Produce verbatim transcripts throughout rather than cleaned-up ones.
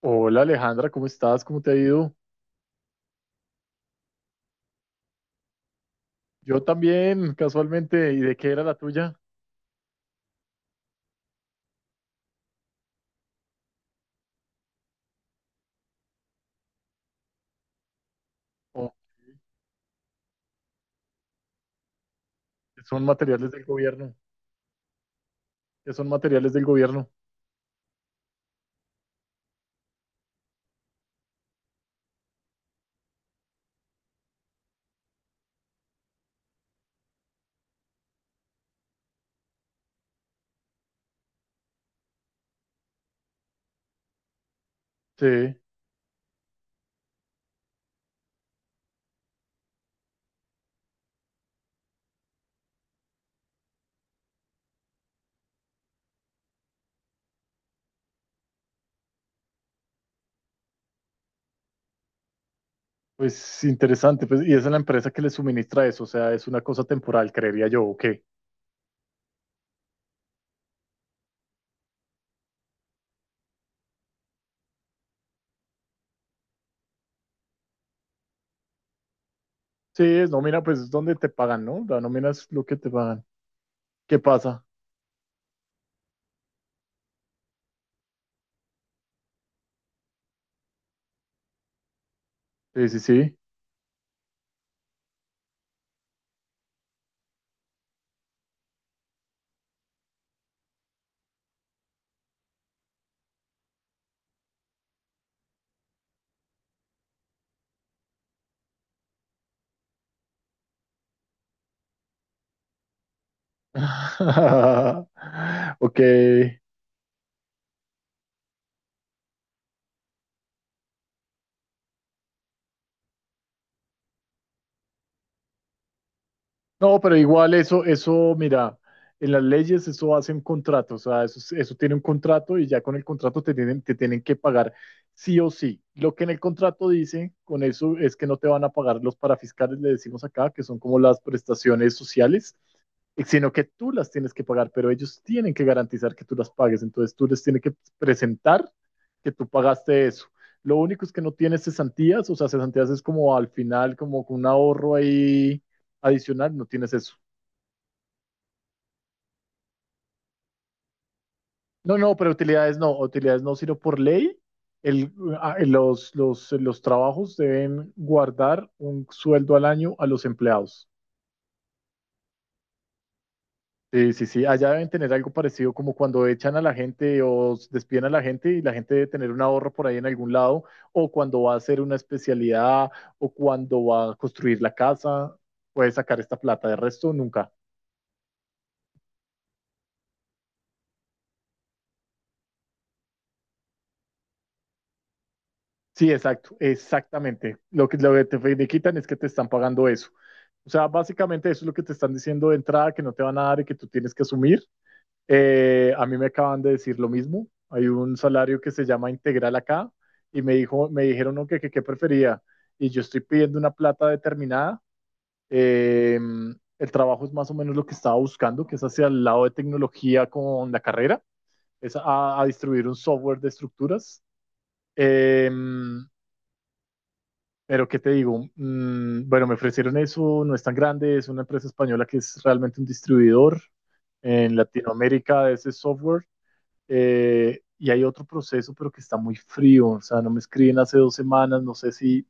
Hola Alejandra, ¿cómo estás? ¿Cómo te ha ido? Yo también, casualmente. ¿Y de qué era la tuya? ¿O qué son materiales del gobierno? ¿Qué son materiales del gobierno? Sí, pues interesante. Pues, y esa es la empresa que le suministra eso, o sea, es una cosa temporal, creería yo, ¿o qué? Sí, es nómina, pues es donde te pagan, ¿no? La nómina es lo que te pagan. ¿Qué pasa? Sí, sí, sí. Ok. No, pero igual eso, eso, mira, en las leyes eso hacen contratos, o sea, eso, es- eso tiene un contrato y ya con el contrato te tienen, te tienen que pagar sí o sí. Lo que en el contrato dice con eso es que no te van a pagar los parafiscales, le decimos acá, que son como las prestaciones sociales, sino que tú las tienes que pagar, pero ellos tienen que garantizar que tú las pagues, entonces tú les tienes que presentar que tú pagaste eso. Lo único es que no tienes cesantías, o sea, cesantías es como al final, como un ahorro ahí adicional no tienes eso. No, no, pero utilidades no, utilidades no, sino por ley, el, ah, eh, los, los, eh, los trabajos deben guardar un sueldo al año a los empleados. Sí, sí, sí, allá deben tener algo parecido como cuando echan a la gente o despiden a la gente y la gente debe tener un ahorro por ahí en algún lado, o cuando va a hacer una especialidad, o cuando va a construir la casa, puede sacar esta plata, de resto nunca. Sí, exacto, exactamente. Lo que, lo que te quitan es que te están pagando eso. O sea, básicamente eso es lo que te están diciendo de entrada, que no te van a dar y que tú tienes que asumir. Eh, a mí me acaban de decir lo mismo. Hay un salario que se llama integral acá y me dijo, me dijeron no, que qué prefería. Y yo estoy pidiendo una plata determinada. Eh, el trabajo es más o menos lo que estaba buscando, que es hacia el lado de tecnología con la carrera, es a, a distribuir un software de estructuras. Em, Pero, ¿qué te digo? Mm, bueno, me ofrecieron eso, no es tan grande, es una empresa española que es realmente un distribuidor en Latinoamérica de ese software. eh, y hay otro proceso, pero que está muy frío. O sea, no me escriben hace dos semanas, no sé si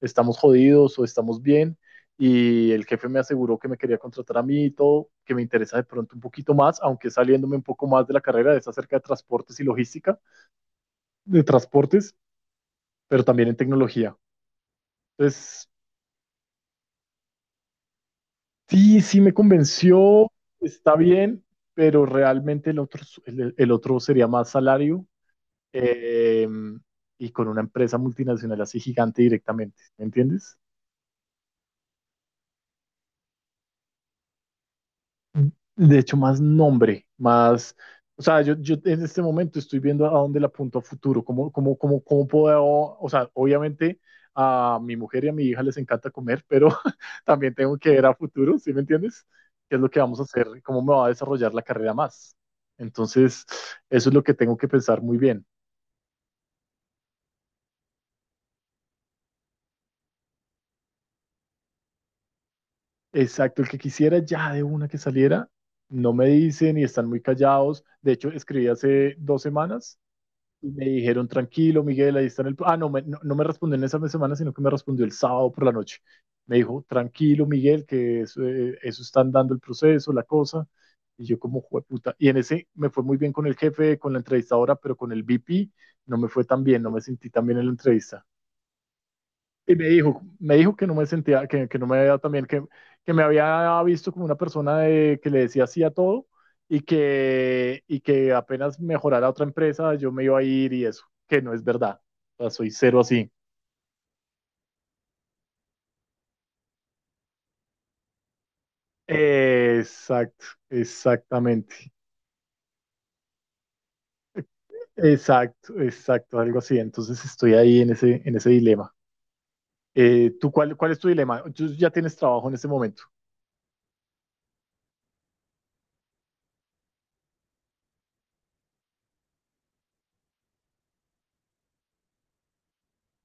estamos jodidos o estamos bien. Y el jefe me aseguró que me quería contratar a mí y todo, que me interesa de pronto un poquito más, aunque saliéndome un poco más de la carrera, es acerca de transportes y logística, de transportes, pero también en tecnología. Entonces, sí, sí me convenció, está bien, pero realmente el otro, s- el, el otro sería más salario eh, y con una empresa multinacional así gigante directamente, ¿me entiendes? De hecho, más nombre, más, o sea, yo, yo en este momento estoy viendo a dónde le apunto a futuro, cómo, cómo, cómo, cómo puedo, o sea, obviamente a mi mujer y a mi hija les encanta comer, pero también tengo que ver a futuro, ¿sí me entiendes? ¿Qué es lo que vamos a hacer? ¿Cómo me va a desarrollar la carrera más? Entonces, eso es lo que tengo que pensar muy bien. Exacto, el que quisiera ya de una que saliera, no me dicen y están muy callados. De hecho, escribí hace dos semanas y me dijeron, tranquilo, Miguel, ahí está en el. Ah, no me, no, no me respondió en esa semana, sino que me respondió el sábado por la noche. Me dijo, tranquilo, Miguel, que eso, eh, eso están dando el proceso, la cosa. Y yo como, puta. Y en ese me fue muy bien con el jefe, con la entrevistadora, pero con el V P no me fue tan bien, no me sentí tan bien en la entrevista. Y me dijo, me dijo que no me sentía, que, que no me había también, que, que me había visto como una persona de- que le decía sí a todo y que, y que apenas mejorara otra empresa yo me iba a ir y eso, que no es verdad. O sea, soy cero así. Exacto, exactamente. Exacto, exacto, algo así. Entonces estoy ahí en ese, en ese, dilema. Eh, ¿tú cuál, cuál es tu dilema? Tú ya tienes trabajo en este momento.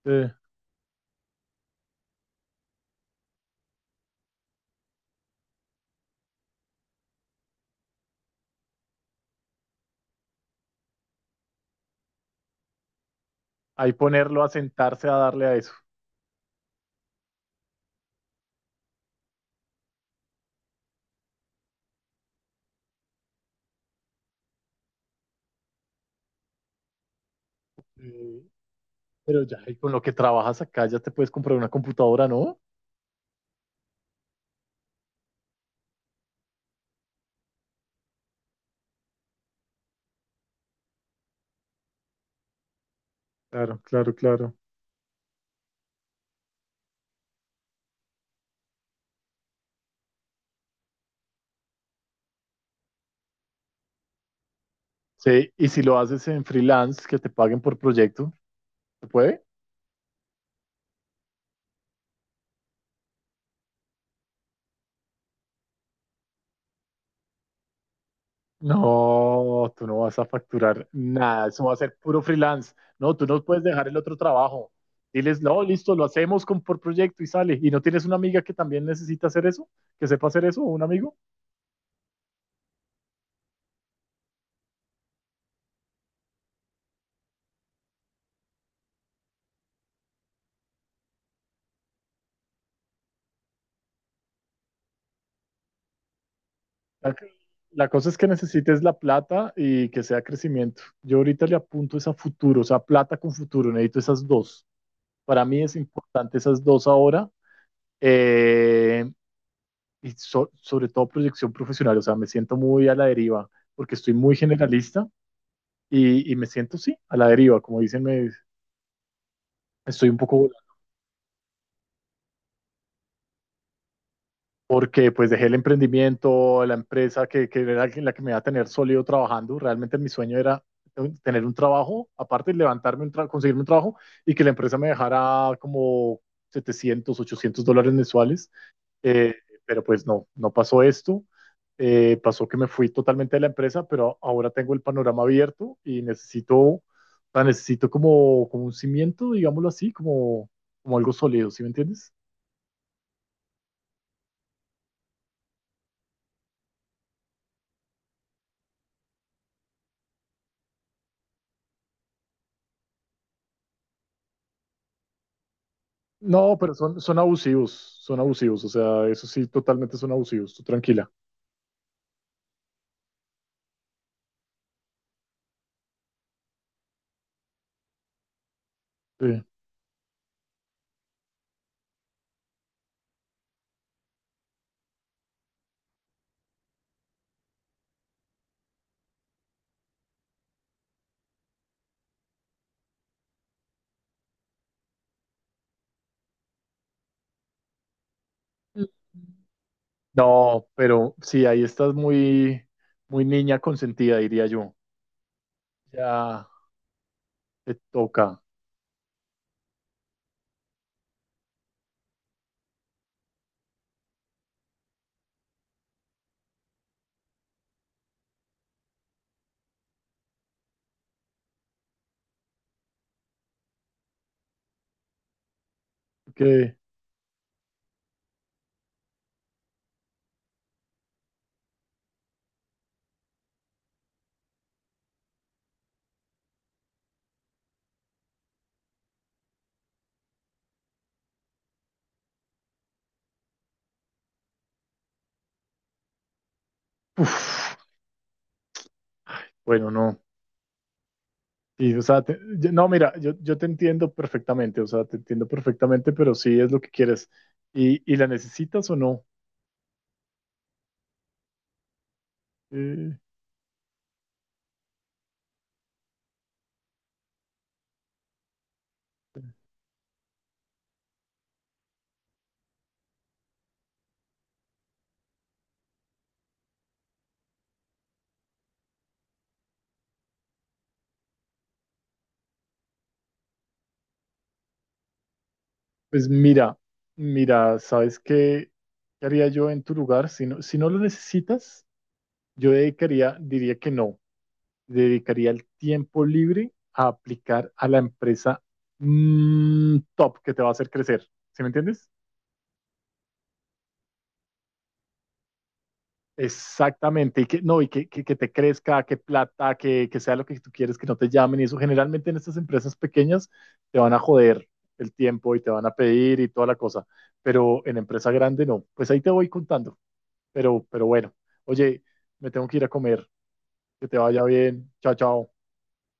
Eh, ahí ponerlo a sentarse a darle a eso. Eh, Pero ya, y con lo que trabajas acá ya te puedes comprar una computadora, ¿no? Claro, claro, claro. Sí, y si lo haces en freelance, que te paguen por proyecto, ¿se puede? No, tú no vas a facturar nada, eso va a ser puro freelance. No, tú no puedes dejar el otro trabajo. Diles, no, listo, lo hacemos con, por proyecto y sale. ¿Y no tienes una amiga que también necesita hacer eso? ¿Que sepa hacer eso? ¿O un amigo? La, la cosa es que necesites la plata y que sea crecimiento. Yo ahorita le apunto es a futuro, o sea, plata con futuro, necesito esas dos. Para mí es importante esas dos ahora. eh, y so- sobre todo proyección profesional, o sea, me siento muy a la deriva porque estoy muy generalista y, y me siento, sí, a la deriva, como dicen, me, estoy un poco porque pues dejé el emprendimiento, la empresa que, que era la que me iba a tener sólido trabajando. Realmente mi sueño era tener un trabajo, aparte de levantarme, un tra- conseguirme un trabajo y que la empresa me dejara como setecientos, ochocientos dólares mensuales. Eh, pero pues no, no pasó esto. Eh, pasó que me fui totalmente de la empresa, pero ahora tengo el panorama abierto y necesito, o sea, necesito como, como un cimiento, digámoslo así, como, como algo sólido, ¿sí me entiendes? No, pero son, son abusivos, son abusivos, o sea, eso sí, totalmente son abusivos, tú tranquila. Sí. No, pero sí, ahí estás muy, muy niña consentida, diría yo. Ya te toca. Que, uf, bueno, no. Sí, o sea, te- yo- no, mira, yo, yo te entiendo perfectamente, o sea, te entiendo perfectamente, pero sí es lo que quieres. ¿Y, y la necesitas o no? Eh, pues mira, mira, ¿sabes qué, qué haría yo en tu lugar? Si no, si no, lo necesitas. Yo dedicaría, diría que no, dedicaría el tiempo libre a aplicar a la empresa mm, top que te va a hacer crecer. ¿Sí me entiendes? Exactamente, y que no, y que, que, que te crezca, que plata, que, que sea lo que tú quieres, que no te llamen, y eso generalmente en estas empresas pequeñas te van a joder el tiempo y te van a pedir y toda la cosa, pero, en empresa grande no, pues ahí te voy contando, pero, pero bueno, oye, me tengo que ir a comer, que te vaya bien, chao, chao.